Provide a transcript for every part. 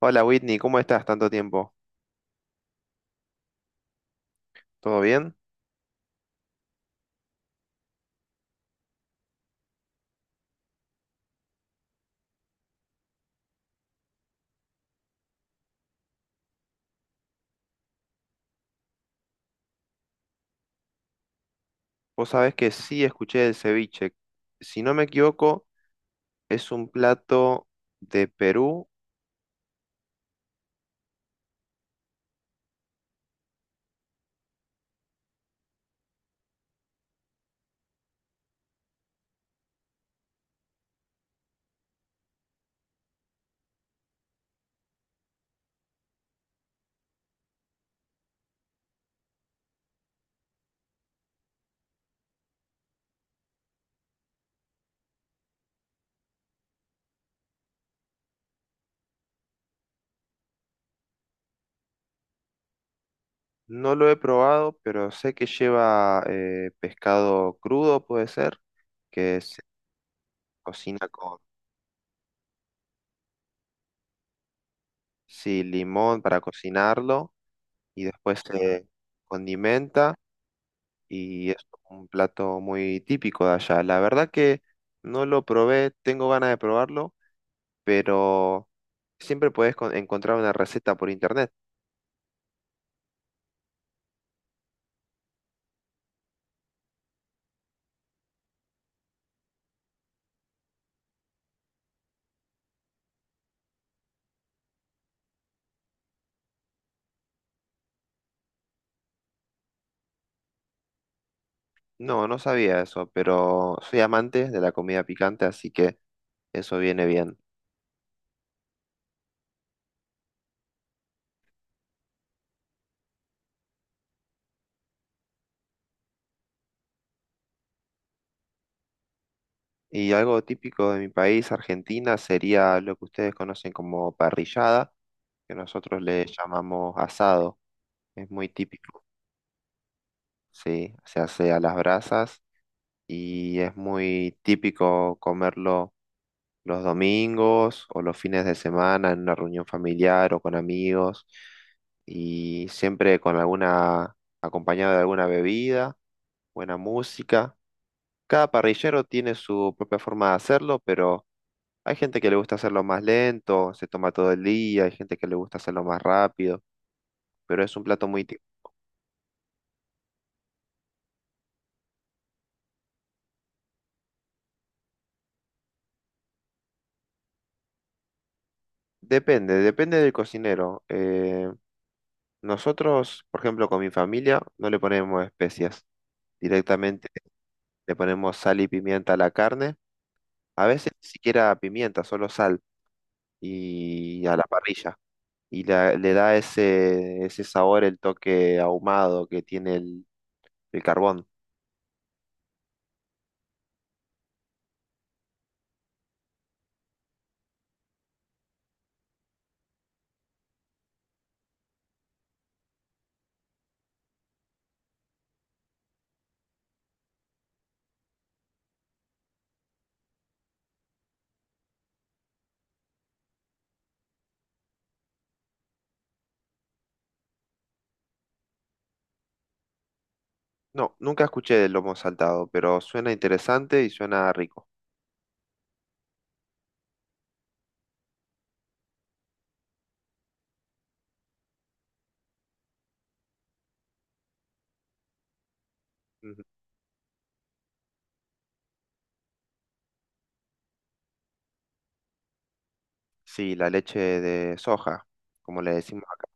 Hola, Whitney, ¿cómo estás? Tanto tiempo. ¿Todo bien? Vos sabés que sí escuché el ceviche. Si no me equivoco, es un plato de Perú. No lo he probado, pero sé que lleva pescado crudo, puede ser, que se cocina con sí, limón para cocinarlo y después se condimenta y es un plato muy típico de allá. La verdad que no lo probé, tengo ganas de probarlo, pero siempre puedes encontrar una receta por internet. No, no sabía eso, pero soy amante de la comida picante, así que eso viene bien. Y algo típico de mi país, Argentina, sería lo que ustedes conocen como parrillada, que nosotros le llamamos asado. Es muy típico, sí, se hace a las brasas y es muy típico comerlo los domingos o los fines de semana en una reunión familiar o con amigos y siempre con alguna, acompañado de alguna bebida, buena música. Cada parrillero tiene su propia forma de hacerlo, pero hay gente que le gusta hacerlo más lento, se toma todo el día, hay gente que le gusta hacerlo más rápido, pero es un plato muy... Depende, depende del cocinero. Nosotros, por ejemplo, con mi familia no le ponemos especias. Directamente le ponemos sal y pimienta a la carne. A veces ni siquiera pimienta, solo sal y a la parrilla. Y le da ese, ese sabor, el toque ahumado que tiene el carbón. No, nunca escuché del lomo saltado, pero suena interesante y suena rico. Ujú. Sí, la leche de soja, como le decimos acá.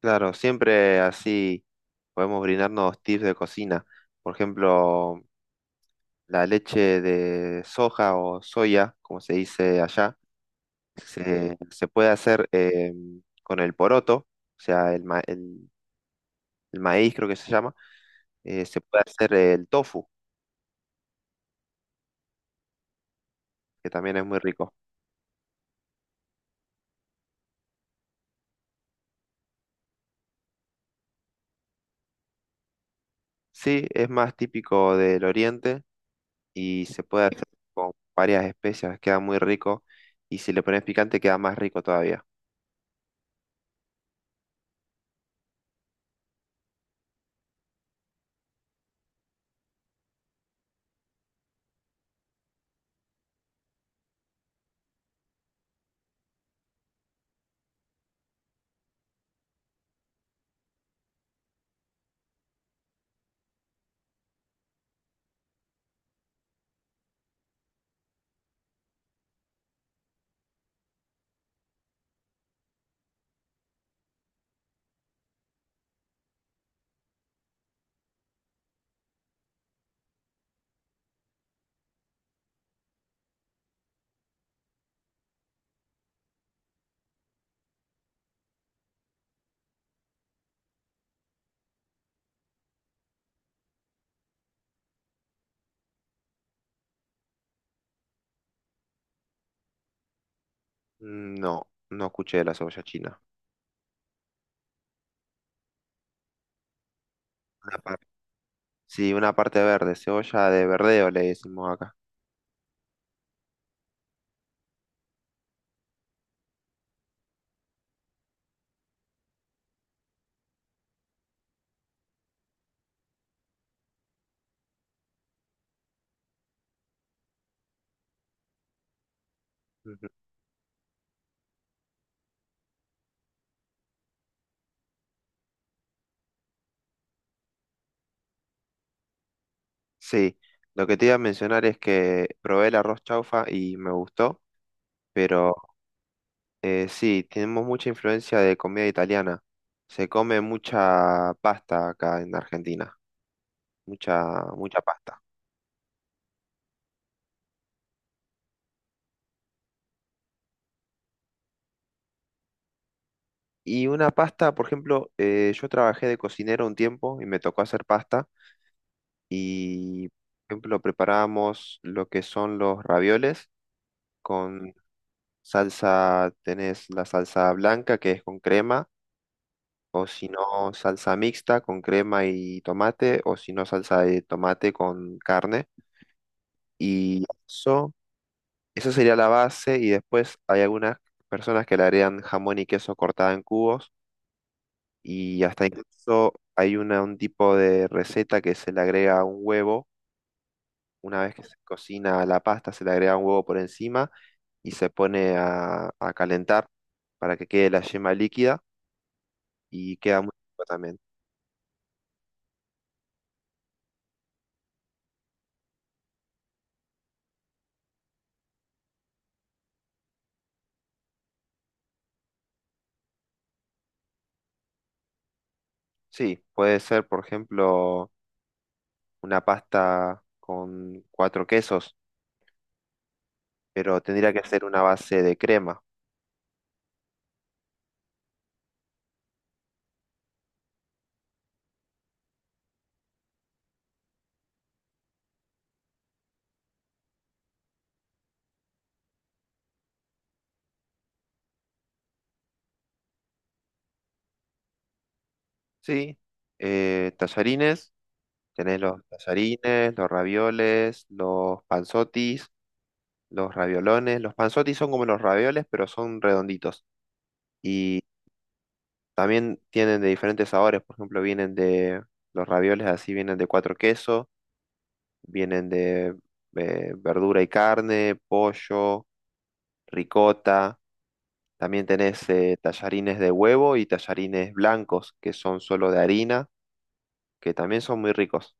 Claro, siempre así podemos brindarnos tips de cocina. Por ejemplo, la leche de soja o soya, como se dice allá, se puede hacer con el poroto, o sea, el maíz creo que se llama. Se puede hacer el tofu, que también es muy rico. Sí, es más típico del oriente y se puede hacer con varias especias, queda muy rico. Y si le pones picante, queda más rico todavía. No, no escuché de la cebolla china. Una par- sí, una parte verde, cebolla de verdeo le decimos acá. Sí, lo que te iba a mencionar es que probé el arroz chaufa y me gustó, pero sí, tenemos mucha influencia de comida italiana. Se come mucha pasta acá en Argentina, mucha, mucha pasta. Y una pasta, por ejemplo, yo trabajé de cocinero un tiempo y me tocó hacer pasta y, por ejemplo, preparábamos lo que son los ravioles con salsa. Tenés la salsa blanca que es con crema. O si no, salsa mixta con crema y tomate, o si no, salsa de tomate con carne. Y eso, esa sería la base. Y después hay algunas personas que le agregan jamón y queso cortada en cubos. Y hasta incluso hay una, un tipo de receta que se le agrega un huevo. Una vez que se cocina la pasta, se le agrega un huevo por encima y se pone a calentar para que quede la yema líquida y queda muy rico también. Sí, puede ser, por ejemplo, una pasta con cuatro quesos, pero tendría que hacer una base de crema. Sí, tallarines, tenés los tallarines, los ravioles, los panzotis, los raviolones. Los panzotis son como los ravioles, pero son redonditos. Y también tienen de diferentes sabores, por ejemplo, vienen de los ravioles así, vienen de cuatro quesos, vienen de verdura y carne, pollo, ricota. También tenés tallarines de huevo y tallarines blancos, que son solo de harina, que también son muy ricos.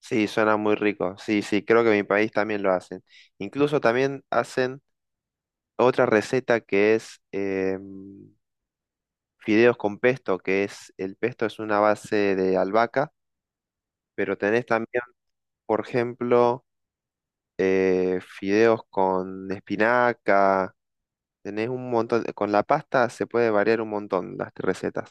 Sí, suena muy rico. Sí, sí, creo que en mi país también lo hacen. Incluso también hacen otra receta que es fideos con pesto, que es el pesto es una base de albahaca, pero tenés también, por ejemplo, fideos con espinaca, tenés un montón, con la pasta se puede variar un montón las recetas.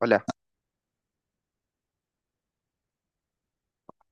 Hola.